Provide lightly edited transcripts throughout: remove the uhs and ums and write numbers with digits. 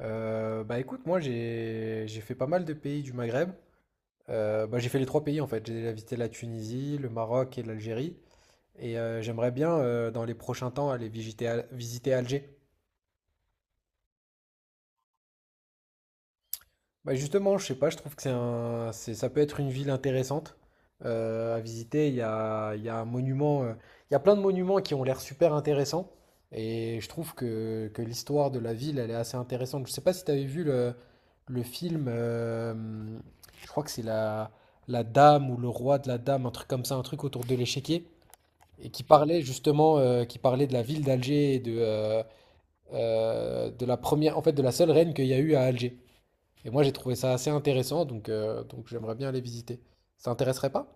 Bah écoute, moi j'ai fait pas mal de pays du Maghreb. J'ai fait les trois pays en fait. J'ai déjà visité la Tunisie, le Maroc et l'Algérie. Et j'aimerais bien dans les prochains temps aller visiter, visiter Alger. Bah justement, je sais pas, je trouve que ça peut être une ville intéressante à visiter. Il y a un monument, il y a plein de monuments qui ont l'air super intéressants. Et je trouve que l'histoire de la ville, elle est assez intéressante. Je sais pas si tu avais vu le film, je crois que la Dame ou le Roi de la Dame, un truc comme ça, un truc autour de l'échiquier, et qui parlait justement, qui parlait de la ville d'Alger et de la première, en fait, de la seule reine qu'il y a eu à Alger. Et moi, j'ai trouvé ça assez intéressant, donc j'aimerais bien aller visiter. Ça t'intéresserait pas?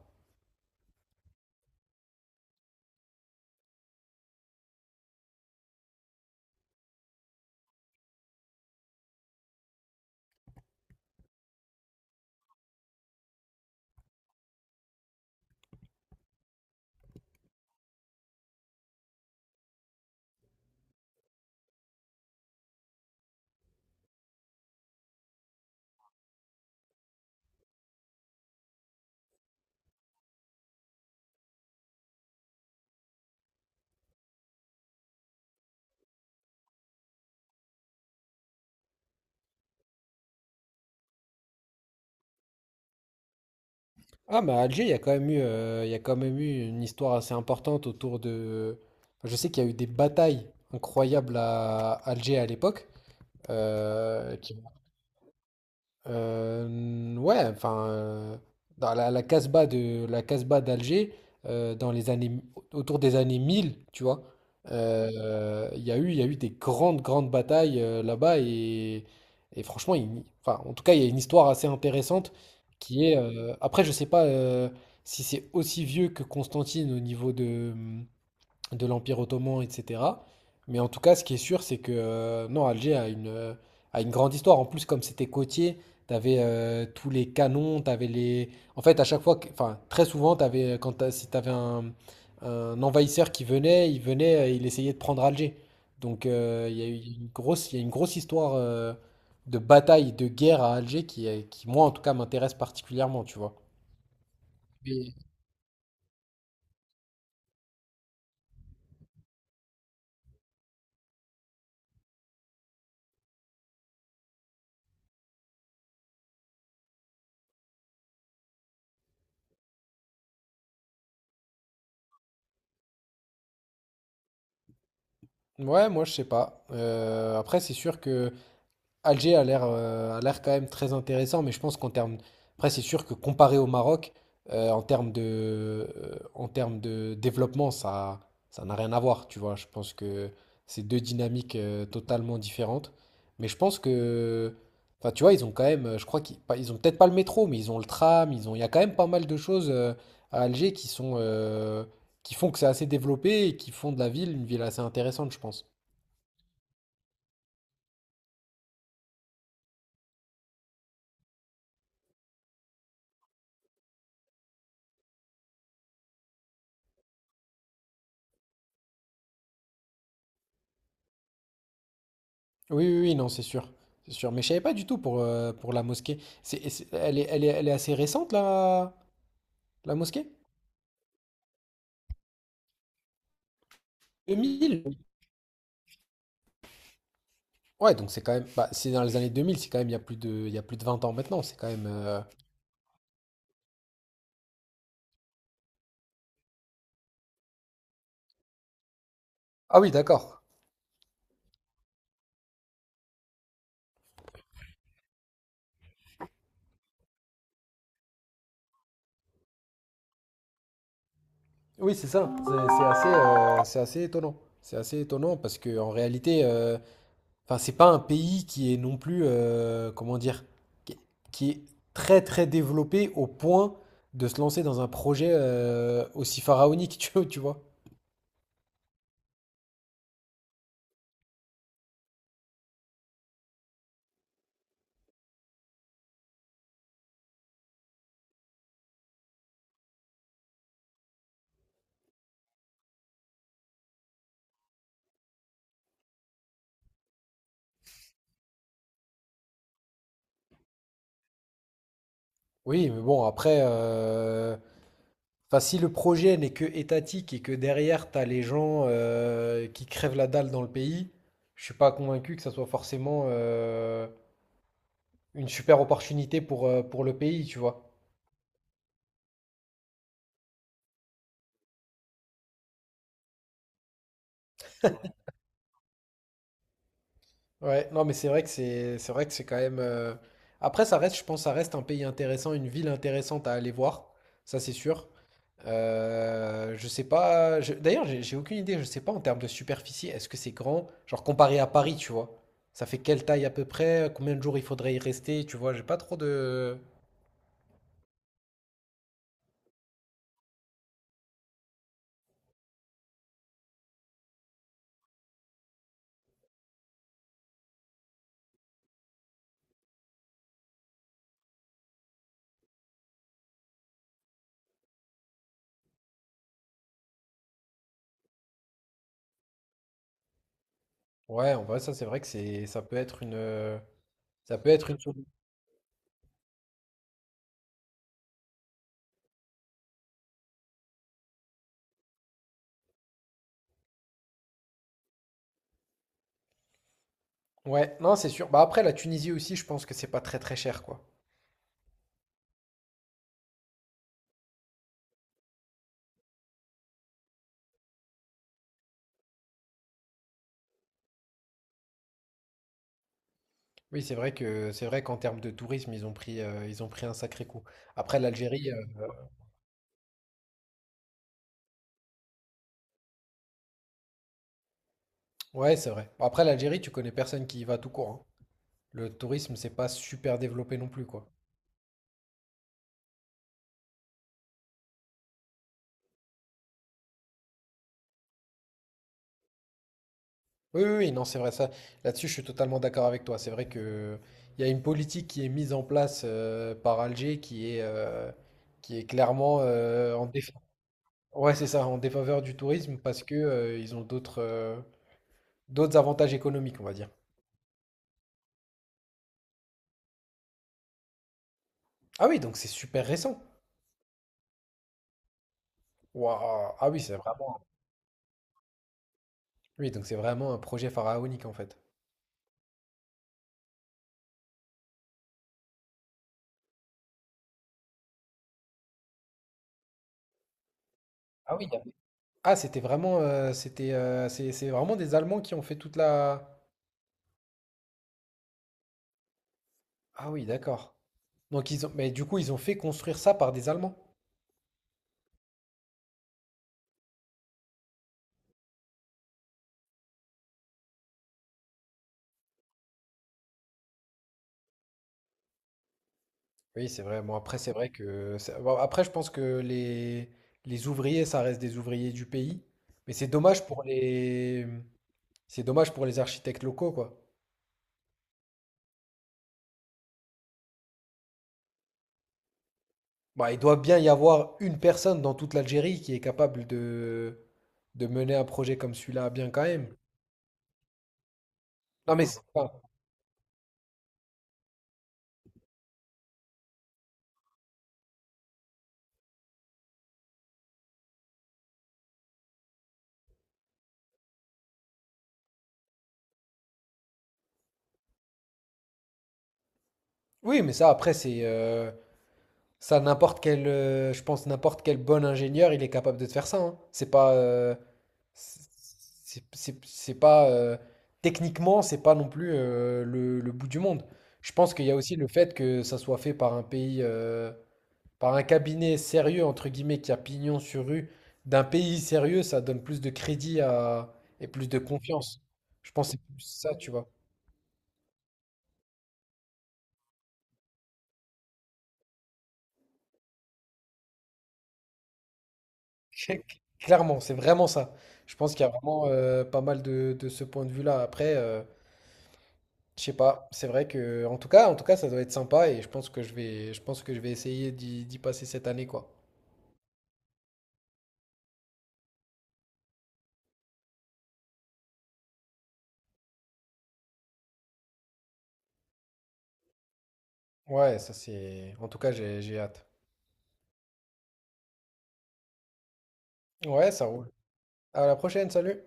Ah, mais à Alger, il y a quand même eu une histoire assez importante autour de... enfin, je sais qu'il y a eu des batailles incroyables à Alger à l'époque, qui Euh, ouais, enfin, dans la Casbah d'Alger, dans les années autour des années mille, tu vois, il y a eu des grandes batailles là-bas, et franchement, enfin, en tout cas, il y a une histoire assez intéressante qui est. Après, je sais pas si c'est aussi vieux que Constantine au niveau de l'Empire ottoman, etc. Mais en tout cas, ce qui est sûr, c'est que non, Alger a a une grande histoire. En plus, comme c'était côtier, t'avais tous les canons, t'avais les. En fait, à chaque fois, enfin, très souvent, t'avais, quand si un envahisseur qui venait, il essayait de prendre Alger. Donc, il y a une grosse histoire de bataille, de guerre à Alger qui, moi, en tout cas, m'intéresse particulièrement, tu vois. Mais- Ouais, moi, je sais pas. Après, c'est sûr que. Alger a l'air quand même très intéressant, mais je pense qu'en termes... Après, c'est sûr que comparé au Maroc, en termes en termes de développement, ça n'a rien à voir, tu vois. Je pense que c'est deux dynamiques totalement différentes. Mais je pense que... Enfin, tu vois, ils ont quand même... Je crois qu'ils ont peut-être pas le métro, mais ils ont le tram, ils ont... Il y a quand même pas mal de choses à Alger qui sont... qui font que c'est assez développé et qui font de la ville une ville assez intéressante, je pense. Oui, oui, oui, non, c'est sûr. C'est sûr. Mais je savais pas du tout pour la mosquée. C'est, et c'est- elle est, elle est, elle est assez récente, la mosquée? Deux mille. Ouais, donc c'est quand même. Bah, c'est dans les années deux mille, c'est quand même il y a il y a plus de vingt ans maintenant. C'est quand même. Ah oui, d'accord. Oui, c'est ça. C'est assez, c'est assez étonnant. C'est assez étonnant parce que en réalité, enfin, c'est pas un pays qui est non plus. Comment dire? Qui est, qui est très, très développé au point de se lancer dans un projet aussi pharaonique, tu vois, tu vois. Oui, mais bon, après, enfin, si le projet n'est que étatique et que derrière, tu as les gens qui crèvent la dalle dans le pays, je suis pas convaincu que ça soit forcément une super opportunité pour le pays, tu vois. Ouais, non, mais c'est vrai que c'est vrai que c'est quand même. Après, ça reste, je pense, ça reste un pays intéressant, une ville intéressante à aller voir, ça c'est sûr. Je sais pas. D'ailleurs, j'ai aucune idée. Je sais pas en termes de superficie. Est-ce que c'est grand? Genre comparé à Paris, tu vois. Ça fait quelle taille à peu près? Combien de jours il faudrait y rester? Tu vois, j'ai pas trop de. Ouais, en vrai, ça c'est vrai que c'est ça peut être une ça peut être une Ouais, non, c'est sûr. Bah après, la Tunisie aussi, je pense que c'est pas très très cher, quoi. Oui, c'est vrai que c'est vrai qu'en termes de tourisme, ils ont pris un sacré coup. Après l'Algérie, ouais, c'est vrai. Après l'Algérie, tu connais personne qui y va tout court, hein. Le tourisme, c'est pas super développé non plus, quoi. Oui, oui, oui, non, c'est vrai ça. Là-dessus, je suis totalement d'accord avec toi. C'est vrai que il y a une politique qui est mise en place par Alger qui est clairement en défaveur. Ouais, c'est ça, en défaveur du tourisme parce que ils ont d'autres d'autres avantages économiques, on va dire. Ah oui, donc c'est super récent. Waouh. Ah oui, c'est vraiment. Oui, donc c'est vraiment un projet pharaonique en fait. Ah oui, ah, c'était vraiment, c'est vraiment des Allemands qui ont fait toute la. Ah oui, d'accord. Donc ils ont, mais du coup, ils ont fait construire ça par des Allemands. Oui, c'est vrai. Bon, après, c'est vrai que, bon, après, je pense que les ouvriers, ça reste des ouvriers du pays. Mais c'est dommage pour c'est dommage pour les architectes locaux, quoi. Bah, il doit bien y avoir une personne dans toute l'Algérie qui est capable de mener un projet comme celui-là bien quand même. Non mais c'est pas- Oui, mais ça après c'est ça n'importe quel je pense n'importe quel bon ingénieur, il est capable de te faire ça. Hein. C'est pas c'est c'est pas techniquement, c'est pas non plus le bout du monde. Je pense qu'il y a aussi le fait que ça soit fait par un pays par un cabinet sérieux, entre guillemets, qui a pignon sur rue, d'un pays sérieux, ça donne plus de crédit à... et plus de confiance. Je pense que c'est plus ça, tu vois. Clairement, c'est vraiment ça. Je pense qu'il y a vraiment pas mal de ce point de vue-là. Après, je sais pas. C'est vrai que, en tout cas, ça doit être sympa et je pense que je pense que je vais essayer d'y passer cette année, quoi. Ouais, ça c'est. En tout cas, j'ai hâte. Ouais, ça roule. À la prochaine, salut.